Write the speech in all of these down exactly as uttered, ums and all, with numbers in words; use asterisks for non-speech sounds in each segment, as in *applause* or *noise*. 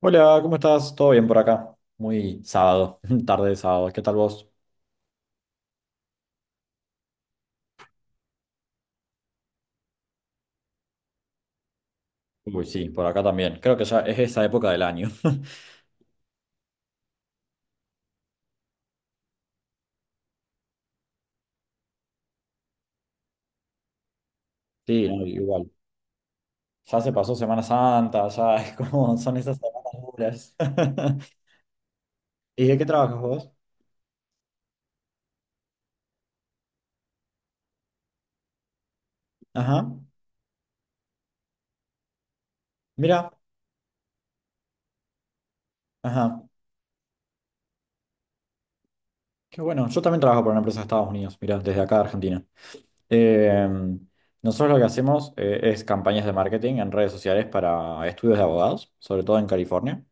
Hola, ¿cómo estás? ¿Todo bien por acá? Muy sábado, *laughs* tarde de sábado. ¿Qué tal vos? Uy, sí, por acá también. Creo que ya es esa época del año. *laughs* Sí, no, igual. Ya se pasó Semana Santa, ya *laughs* es como son esas semanas duras. *laughs* ¿Y de qué trabajas vos? Ajá. Mira, ajá. Qué bueno. Yo también trabajo para una empresa de Estados Unidos, mira, desde acá de Argentina. Em, Nosotros lo que hacemos eh, es campañas de marketing en redes sociales para estudios de abogados, sobre todo en California.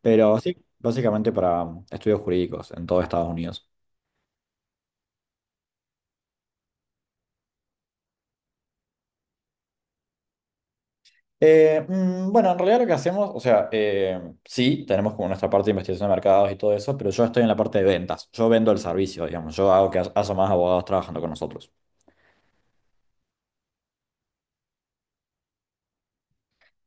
Pero sí, básicamente para estudios jurídicos en todo Estados Unidos. Eh, mm, bueno, en realidad lo que hacemos, o sea, eh, sí, tenemos como nuestra parte de investigación de mercados y todo eso, pero yo estoy en la parte de ventas. Yo vendo el servicio, digamos. Yo hago que ha- haya más abogados trabajando con nosotros.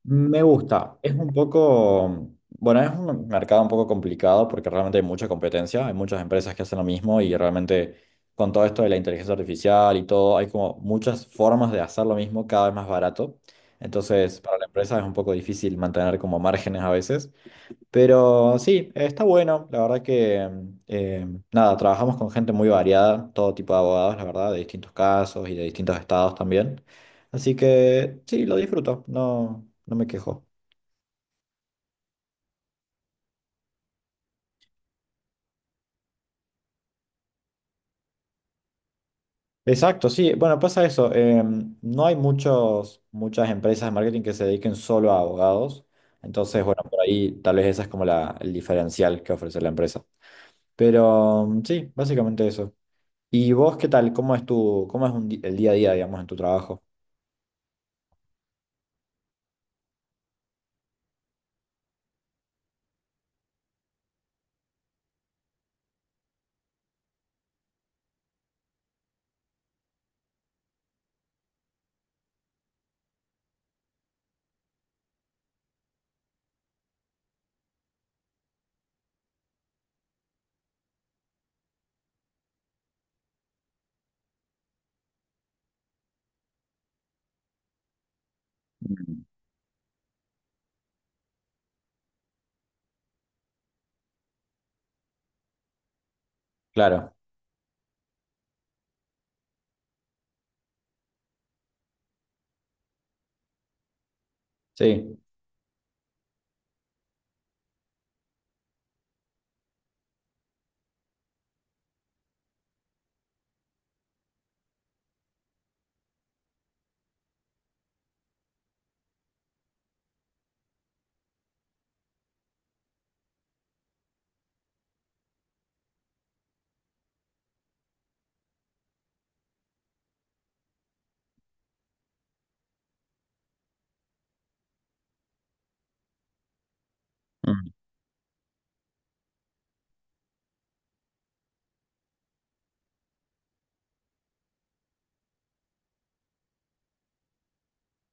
Me gusta. Es un poco, bueno, es un mercado un poco complicado porque realmente hay mucha competencia, hay muchas empresas que hacen lo mismo y realmente con todo esto de la inteligencia artificial y todo, hay como muchas formas de hacer lo mismo cada vez más barato. Entonces, para la empresa es un poco difícil mantener como márgenes a veces. Pero sí, está bueno. La verdad que, eh, nada, trabajamos con gente muy variada, todo tipo de abogados, la verdad, de distintos casos y de distintos estados también. Así que sí, lo disfruto, no, no me quejo. Exacto, sí. Bueno, pasa eso. Em, no hay muchos, muchas empresas de marketing que se dediquen solo a abogados. Entonces, bueno, por ahí tal vez esa es como la, el diferencial que ofrece la empresa. Pero mm, sí, básicamente eso. ¿Y vos qué tal? ¿Cómo es tu, cómo es un di- el día a día, digamos, en tu trabajo? Claro, sí. Mm.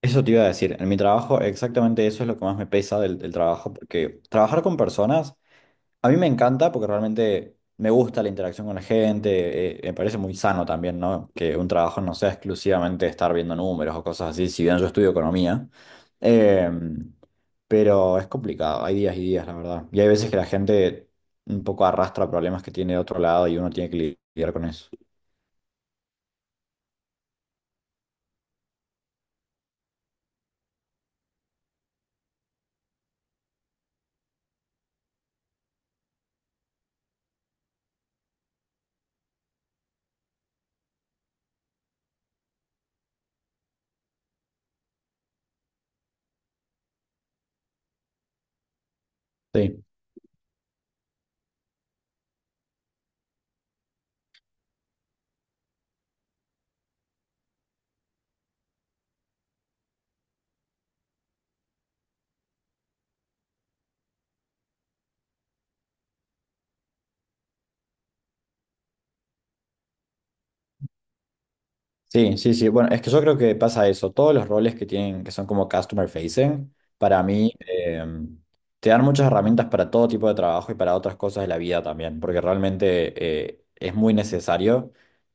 Eso te iba a decir, en mi trabajo exactamente eso es lo que más me pesa del, del trabajo, porque trabajar con personas a mí me encanta porque realmente me gusta la interacción con la gente, eh, me parece muy sano también, ¿no? Que un trabajo no sea exclusivamente estar viendo números o cosas así, si bien yo estudio economía. Em, pero es complicado, hay días y días, la verdad, y hay veces que la gente un poco arrastra problemas que tiene de otro lado y uno tiene que lidiar con eso. Sí. Sí, sí, sí. Bueno, es que yo creo que pasa eso. Todos los roles que tienen, que son como customer facing, para mí eh, te dan muchas herramientas para todo tipo de trabajo y para otras cosas de la vida también, porque realmente eh, es muy necesario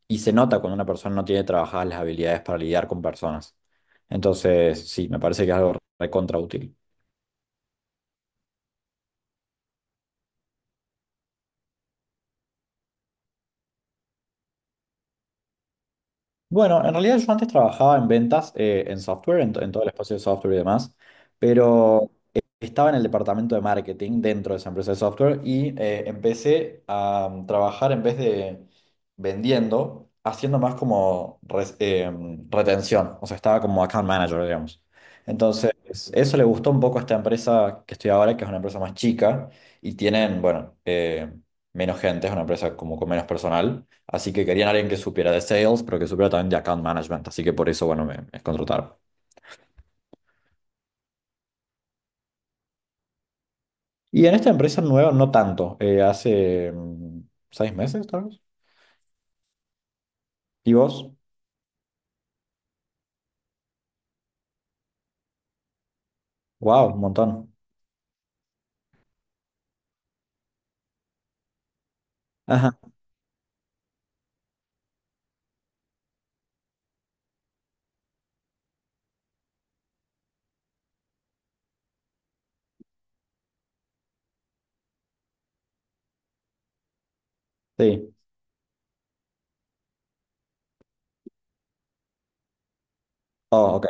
y se nota cuando una persona no tiene trabajadas las habilidades para lidiar con personas. Entonces, sí, me parece que es algo recontra útil. Bueno, en realidad yo antes trabajaba en ventas, eh, en software, en, to- en todo el espacio de software y demás, pero eh, estaba en el departamento de marketing dentro de esa empresa de software y eh, empecé a mm, trabajar en vez de vendiendo, haciendo más como res- em, retención, o sea, estaba como account manager, digamos. Entonces, eso le gustó un poco a esta empresa que estoy ahora, que es una empresa más chica y tienen, bueno, eh, menos gente, es una empresa como con menos personal. Así que querían alguien que supiera de sales, pero que supiera también de account management. Así que por eso, bueno, me, me contrataron. Y en esta empresa nueva, no tanto. Eh, hace mm, seis meses, tal vez. ¿Y vos? Wow, un montón. Ajá, sí. Oh, ok,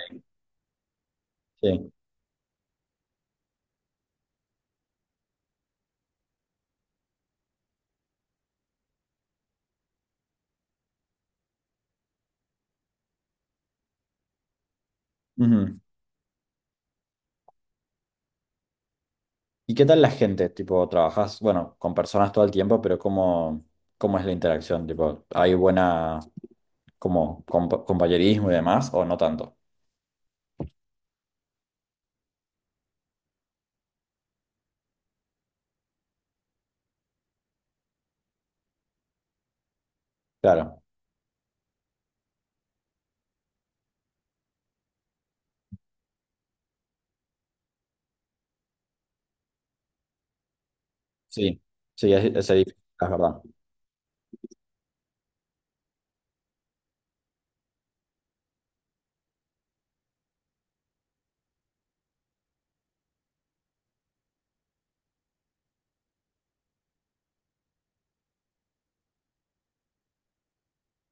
sí. Ujú. ¿Y qué tal la gente? Tipo, trabajas, bueno, con personas todo el tiempo, pero ¿cómo, cómo es la interacción? Tipo, ¿hay buena, como, compa- compañerismo y demás, o no tanto? Claro, sí. Sí, es, es difícil, es verdad.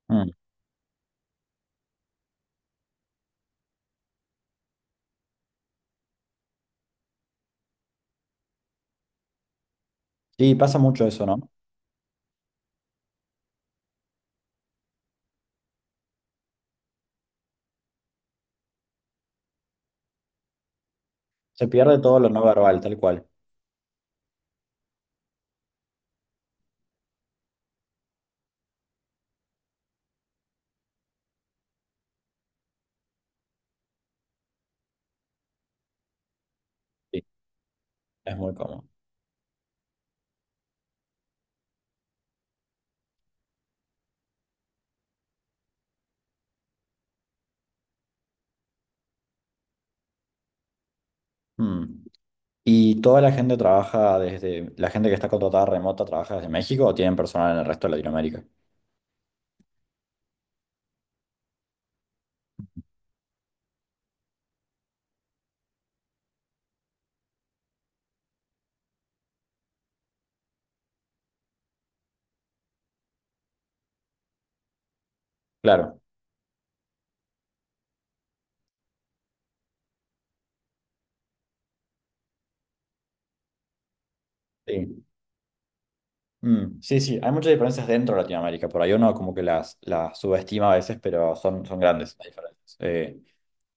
Mm. Sí, pasa mucho eso, ¿no? Se pierde todo lo no verbal, tal cual. Sí, es muy cómodo. Mm. ¿Y toda la gente trabaja desde, la gente que está contratada remota trabaja desde México o tienen personal en el resto de Latinoamérica? Claro, sí. Mm. Sí, sí, hay muchas diferencias dentro de Latinoamérica. Por ahí uno como que las, las subestima a veces, pero son, son grandes las diferencias. Eh,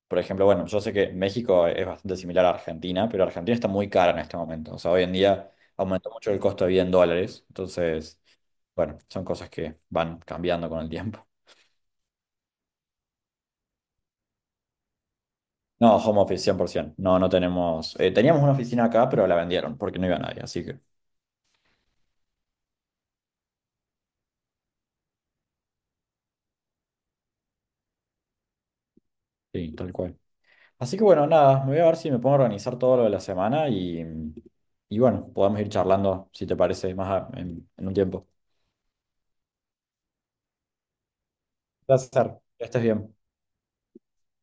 Por ejemplo, bueno, yo sé que México es bastante similar a Argentina, pero Argentina está muy cara en este momento. O sea, hoy en día aumentó mucho el costo de vida en dólares. Entonces, bueno, son cosas que van cambiando con el tiempo. No, home office cien por ciento. No, no tenemos. Eh, teníamos una oficina acá, pero la vendieron porque no iba nadie, así que sí, tal cual. Así que bueno, nada, me voy a ver si me pongo a organizar todo lo de la semana y, y bueno, podemos ir charlando si te parece más a- en, en un tiempo. Placer, que estés bien.